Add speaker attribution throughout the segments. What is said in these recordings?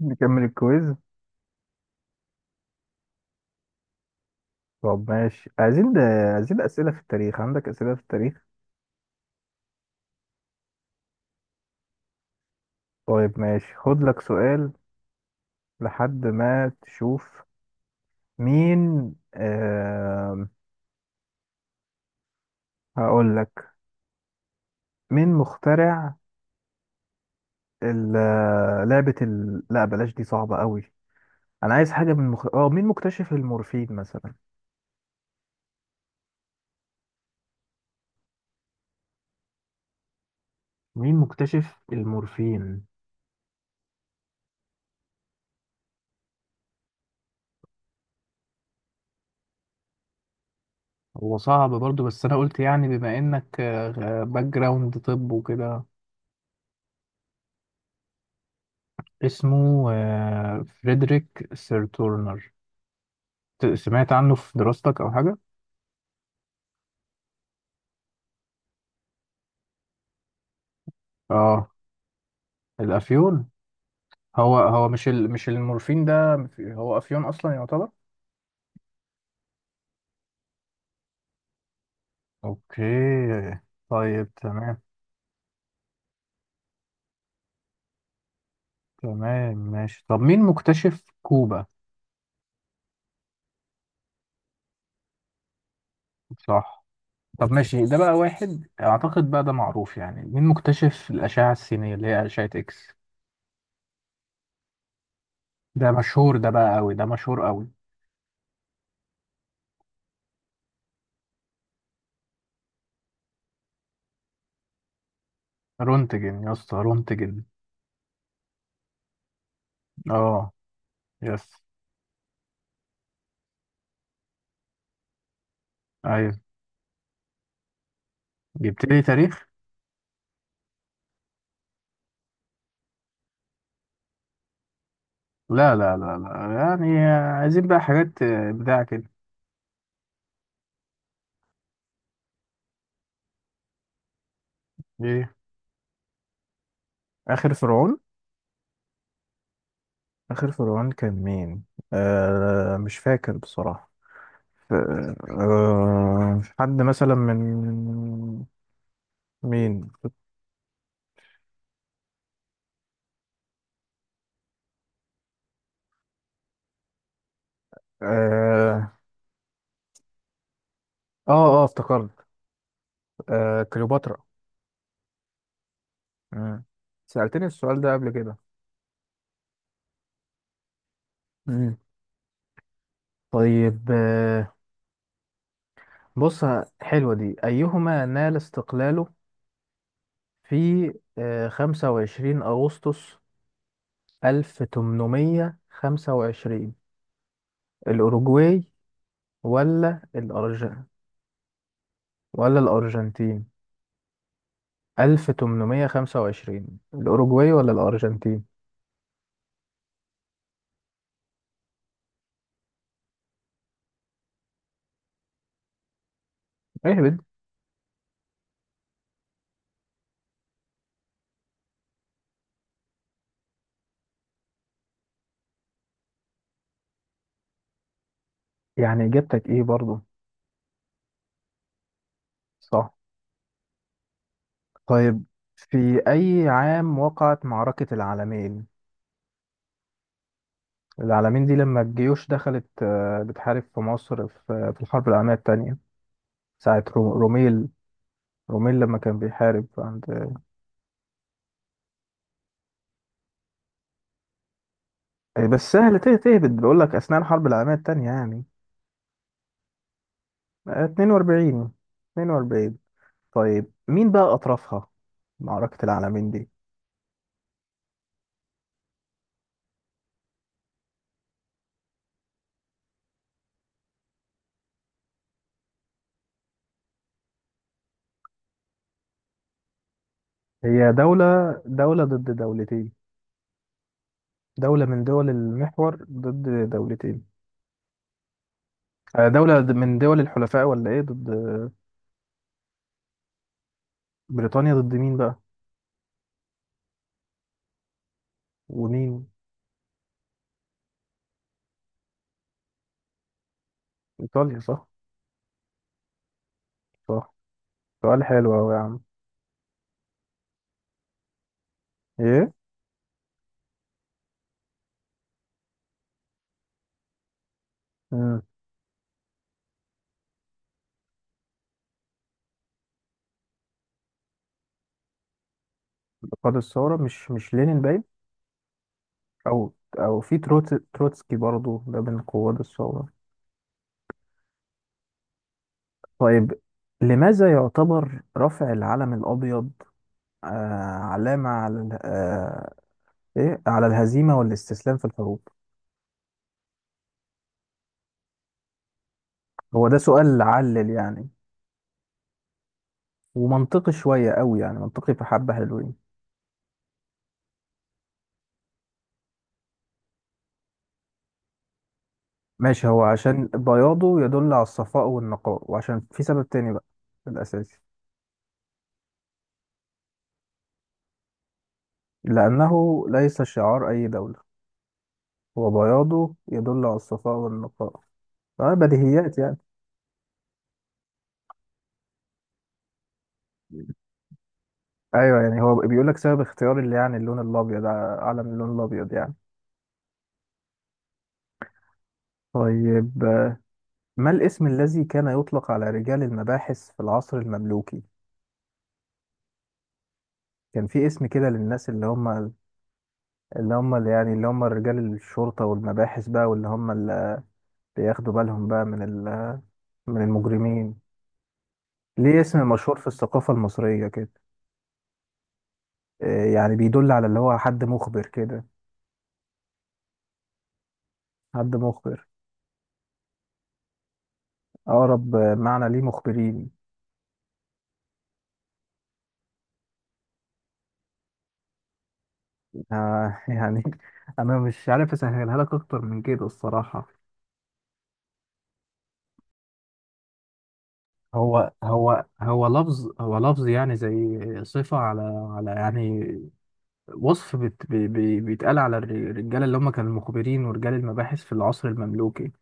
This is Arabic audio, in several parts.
Speaker 1: نكمل الكويز. طب ماشي، عايزين ده. عايزين أسئلة في التاريخ، عندك أسئلة في التاريخ؟ طيب ماشي، خد لك سؤال لحد ما تشوف. مين هقول لك. مين مخترع لعبة لا بلاش، دي صعبة قوي. أنا عايز حاجة من مخ... اه مين مكتشف المورفين مثلا؟ مين مكتشف المورفين؟ هو صعب برضو، بس انا قلت يعني بما انك باك جراوند. طب وكده، اسمه فريدريك سيرتورنر. سمعت عنه في دراستك او حاجه؟ اه، الافيون. هو مش مش المورفين ده، هو افيون اصلا يعتبر. اوكي. طيب تمام. تمام ماشي. طب مين مكتشف كوبا؟ صح. طب ماشي، ده بقى واحد اعتقد بقى ده معروف يعني، مين مكتشف الاشعه السينيه اللي هي اشعه اكس؟ ده مشهور، ده بقى قوي، ده مشهور قوي. رونتجن يا اسطى، رونتجن. اه. يس. ايوه، جبت لي تاريخ. لا لا لا لا، يعني عايزين بقى حاجات بتاع كده. ايه؟ آخر فرعون. آخر فرعون كان مين؟ مش فاكر بصراحة. ف- حد مثلا من؟ مين؟ آه آه افتكرت، كليوباترا. مم. سألتني السؤال ده قبل كده. مم. طيب، بص، حلوة دي. أيهما نال استقلاله في 25 أغسطس 1825، الأوروجواي ولا ولا الأرجنتين؟ 1825، الأوروجواي ولا الأرجنتين. اهبد يعني؟ إجابتك إيه برضو؟ صح. طيب، في أي عام وقعت معركة العالمين؟ العالمين دي لما الجيوش دخلت، بتحارب في مصر، في الحرب العالمية التانية ساعة روميل. روميل لما كان بيحارب عند، بس سهل تهبد. بقول لك أثناء الحرب العالمية التانية يعني. 42 42. طيب مين بقى أطرافها، معركة العالمين دي؟ هي دولة، دولة ضد دولتين. دولة من دول المحور ضد دولتين. دولة من دول الحلفاء ولا إيه ضد؟ بريطانيا ضد مين بقى؟ ومين؟ إيطاليا، صح. صح، سؤال حلو أوي يا عم. إيه؟ مم. قاد الثورة؟ مش لينين باين. أو أو في تروتسكي برضو، ده من قواد الثورة. طيب، لماذا يعتبر رفع العلم الأبيض آه علامة على ال- آه إيه على الهزيمة والاستسلام في الحروب؟ هو ده سؤال علل يعني؟ ومنطقي شوية قوي يعني، منطقي في حبة حلوين. ماشي، هو عشان بياضه يدل على الصفاء والنقاء، وعشان في سبب تاني بقى الأساسي لأنه ليس شعار أي دولة. هو بياضه يدل على الصفاء والنقاء. بديهيات يعني. أيوه يعني، هو بيقول لك سبب اختيار اللي يعني اللون الأبيض، علم اللون الأبيض يعني. طيب، ما الاسم الذي كان يطلق على رجال المباحث في العصر المملوكي؟ كان في اسم كده للناس اللي هم، اللي هم رجال الشرطة والمباحث بقى، واللي هم اللي بياخدوا بالهم بقى من من المجرمين. ليه اسم مشهور في الثقافة المصرية كده. يعني بيدل على اللي هو حد مخبر كده. حد مخبر. أقرب معنى ليه مخبرين. يعني أنا مش عارف أسهلها لك أكتر من كده الصراحة. هو لفظ يعني، زي صفة على، يعني وصف بت بي بي بيتقال على الرجالة اللي هم كانوا المخبرين ورجال المباحث في العصر المملوكي.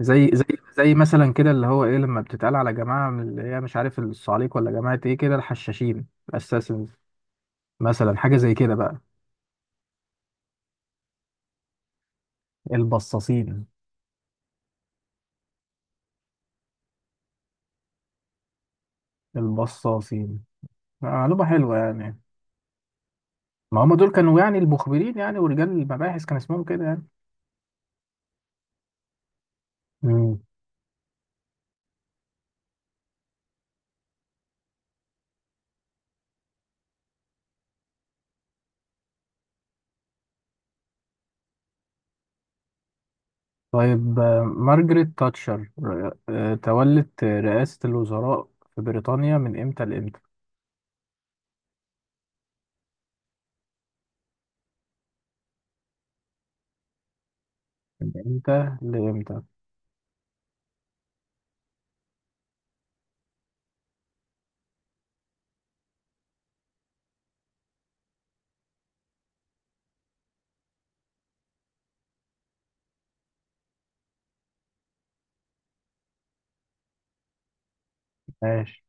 Speaker 1: زي زي زي مثلا كده، اللي هو ايه لما بتتقال على جماعة من، اللي هي مش عارف الصعاليك ولا جماعة ايه كده، الحشاشين، الاساسنز. مثلا حاجة زي كده بقى. البصاصين. البصاصين معلومة حلوة يعني. ما هم دول كانوا يعني المخبرين يعني، ورجال المباحث كان اسمهم كده يعني. طيب مارجريت تاتشر تولت رئاسة الوزراء في بريطانيا من امتى لامتى؟ من امتى لامتى؟ ماشي.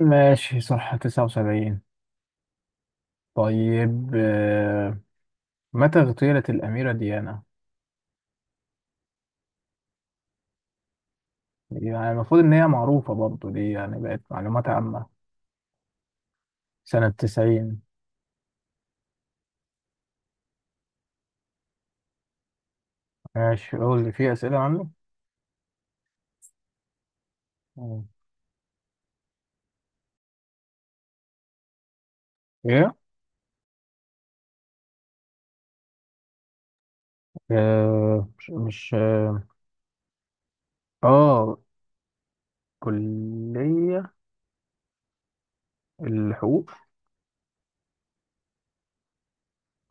Speaker 1: ماشي، صح، 79. طيب، متى اغتيلت الأميرة ديانا؟ يعني المفروض إن هي معروفة برضو دي، يعني بقت معلومات عامة. سنة 90. ماشي، قول لي في أسئلة عنه؟ مم. إيه؟ مش آه، كلية الحقوق.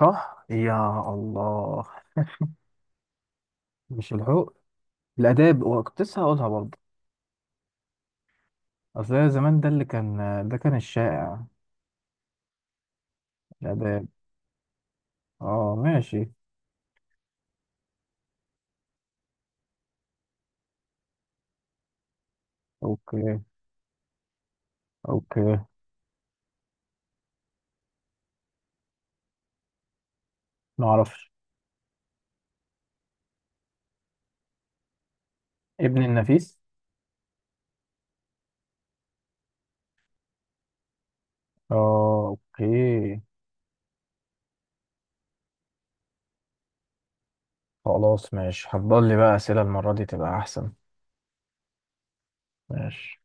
Speaker 1: صح؟ يا الله. مش الحقوق، الآداب، وكنت لسه هقولها برضه. أصل هي زمان ده اللي كان، ده كان الشائع، الآداب. اه ماشي. أوكي. أوكي. معرفش. ابن النفيس. اه أوكي. خلاص ماشي، هتضل لي بقى أسئلة المرة دي تبقى أحسن. ماشي.